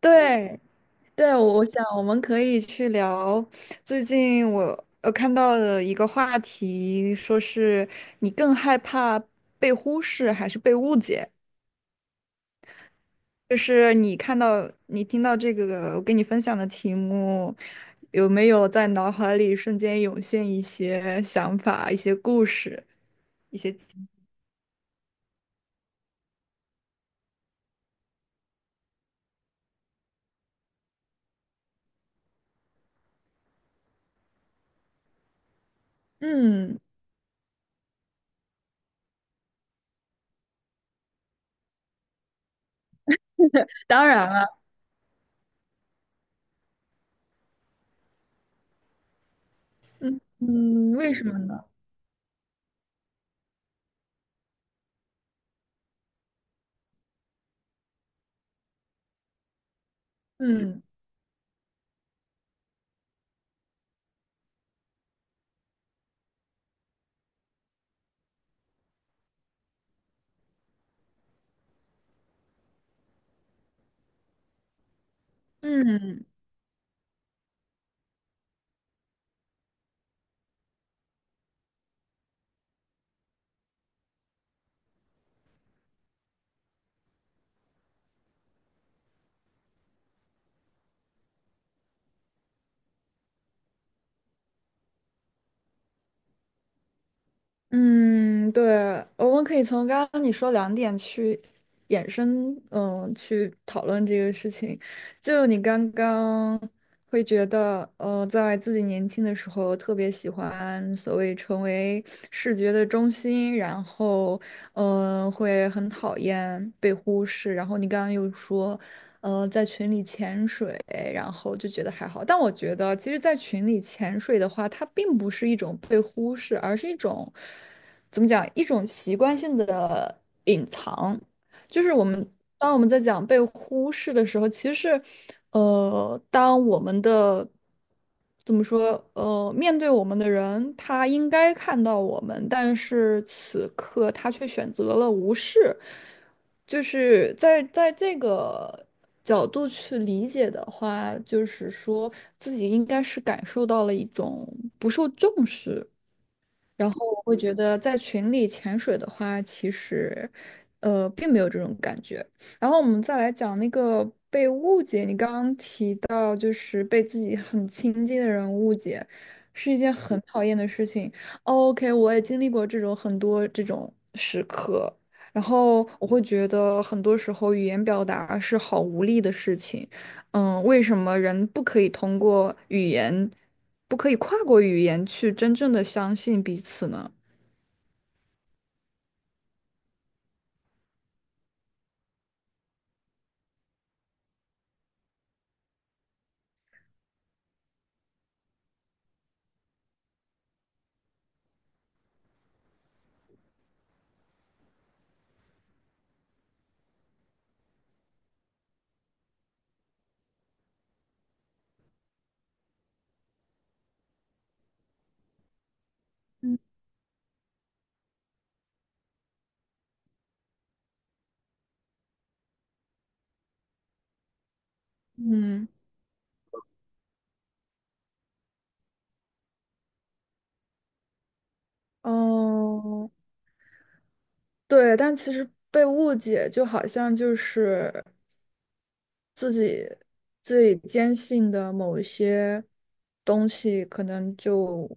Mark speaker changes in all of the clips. Speaker 1: 对对，我想我们可以去聊最近我看到的一个话题，说是你更害怕被忽视还是被误解？就是你看到你听到这个我给你分享的题目，有没有在脑海里瞬间涌现一些想法、一些故事、一些经？嗯，当然了。嗯，为什么呢？嗯嗯。嗯，对，我们可以从刚刚你说两点去衍生，嗯，去讨论这个事情。就你刚刚会觉得，在自己年轻的时候特别喜欢所谓成为视觉的中心，然后，会很讨厌被忽视。然后你刚刚又说，在群里潜水，然后就觉得还好。但我觉得，其实，在群里潜水的话，它并不是一种被忽视，而是一种，怎么讲，一种习惯性的隐藏。就是我们当我们在讲被忽视的时候，其实是，当我们的怎么说，面对我们的人，他应该看到我们，但是此刻他却选择了无视，就是在这个角度去理解的话，就是说自己应该是感受到了一种不受重视。然后我会觉得在群里潜水的话，其实，并没有这种感觉。然后我们再来讲那个被误解，你刚刚提到就是被自己很亲近的人误解，是一件很讨厌的事情。OK,我也经历过这种很多这种时刻，然后我会觉得很多时候语言表达是好无力的事情。嗯，为什么人不可以通过语言？不可以跨过语言去真正的相信彼此呢？嗯嗯哦，对，但其实被误解就好像就是自己坚信的某一些东西，可能就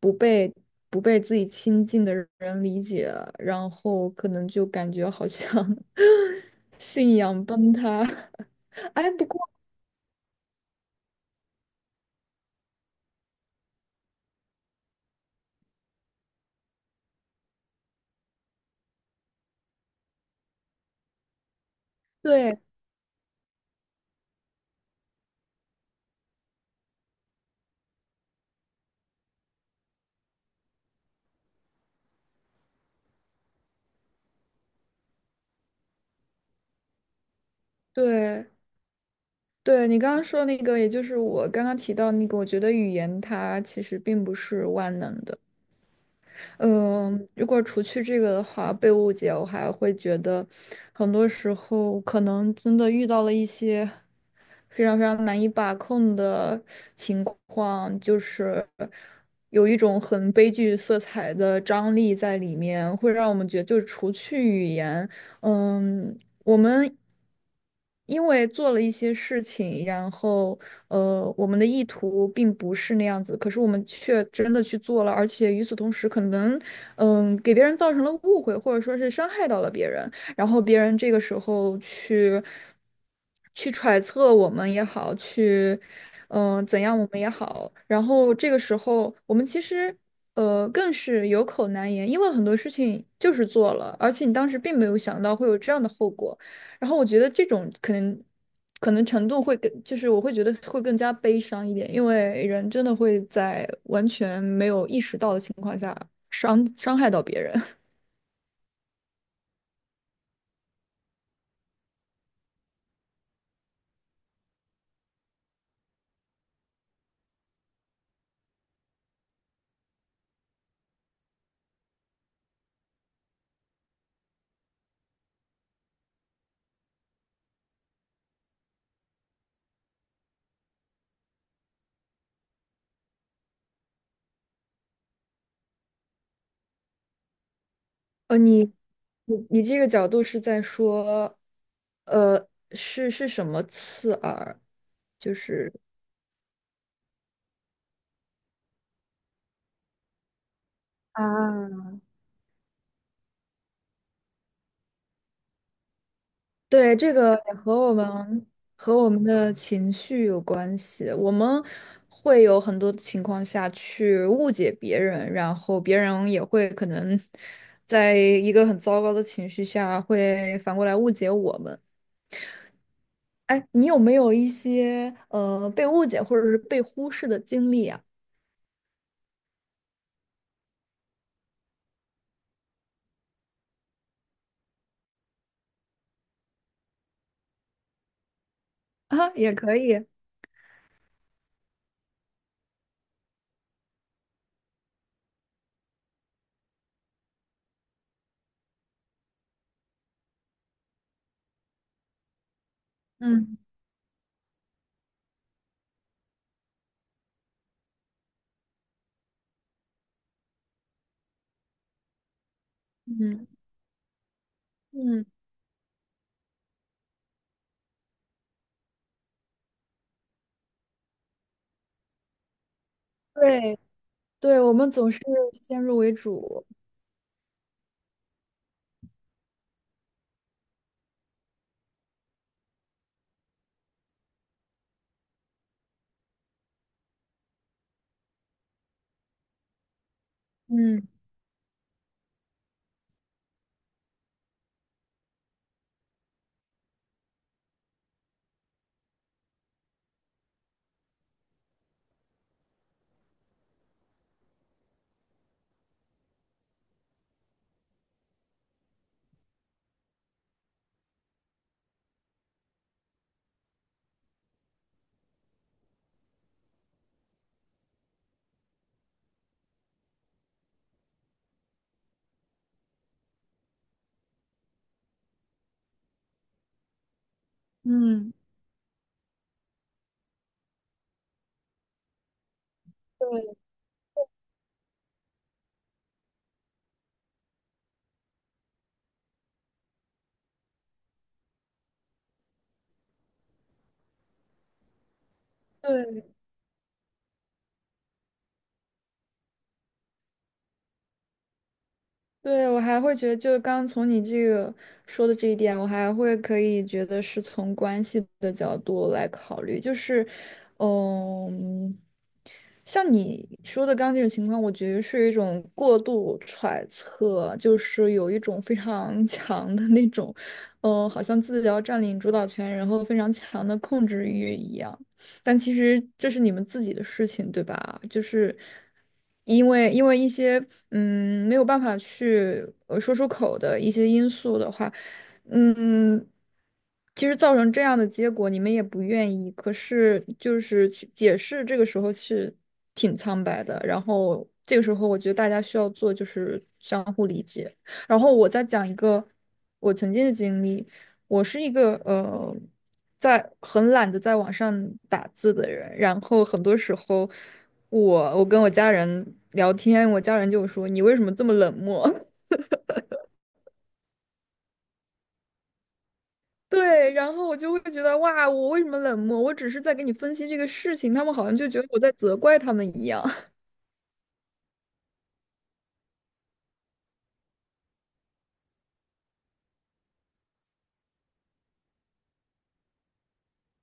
Speaker 1: 不被不被自己亲近的人理解，然后可能就感觉好像 信仰崩塌。哎，不过对对，对，你刚刚说那个，也就是我刚刚提到那个，我觉得语言它其实并不是万能的。嗯、如果除去这个的话，被误解，我还会觉得很多时候可能真的遇到了一些非常非常难以把控的情况，就是有一种很悲剧色彩的张力在里面，会让我们觉得，就是除去语言。嗯，我们因为做了一些事情，然后我们的意图并不是那样子，可是我们却真的去做了，而且与此同时，可能给别人造成了误会，或者说是伤害到了别人。然后别人这个时候去揣测我们也好，去怎样我们也好，然后这个时候我们其实更是有口难言，因为很多事情就是做了，而且你当时并没有想到会有这样的后果，然后我觉得这种可能。可能程度会更，就是我会觉得会更加悲伤一点，因为人真的会在完全没有意识到的情况下伤害到别人。呃，你你这个角度是在说，是什么刺耳？就是啊，对这个也和我们和我们的情绪有关系，我们会有很多情况下去误解别人，然后别人也会可能在一个很糟糕的情绪下会反过来误解我们。哎，你有没有一些被误解或者是被忽视的经历啊？啊，也可以。嗯。嗯嗯，对对，我们总是先入为主。嗯嗯，对对对，我还会觉得，就是刚刚从你这个说的这一点，我还会可以觉得是从关系的角度来考虑，就是，嗯。像你说的刚刚这种情况，我觉得是一种过度揣测，就是有一种非常 强的那种，好像自己要占领主导权，然后非常强的控制欲一样。但其实这是你们自己的事情，对吧？就是因为一些没有办法去说出口的一些因素的话，嗯。其实造成这样的结果，你们也不愿意，可是就是去解释，这个时候是挺苍白的。然后这个时候，我觉得大家需要做就是相互理解。然后我再讲一个我曾经的经历，我是一个在很懒得在网上打字的人，然后很多时候我跟我家人聊天，我家人就说你为什么这么冷漠？对，然后我就会觉得哇，我为什么冷漠？我只是在给你分析这个事情，他们好像就觉得我在责怪他们一样。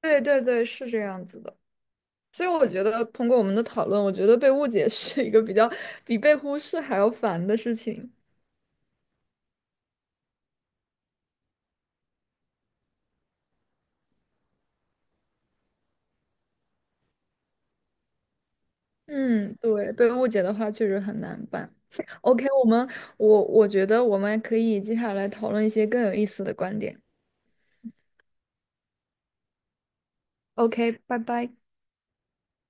Speaker 1: 对对对，是这样子的。所以我觉得通过我们的讨论，我觉得被误解 是一个比较比被忽视还要烦的事情。嗯，对，被误解的话确实很难办。OK,我们我觉得我们可以接下来讨论一些更有意思的观点。OK,拜拜。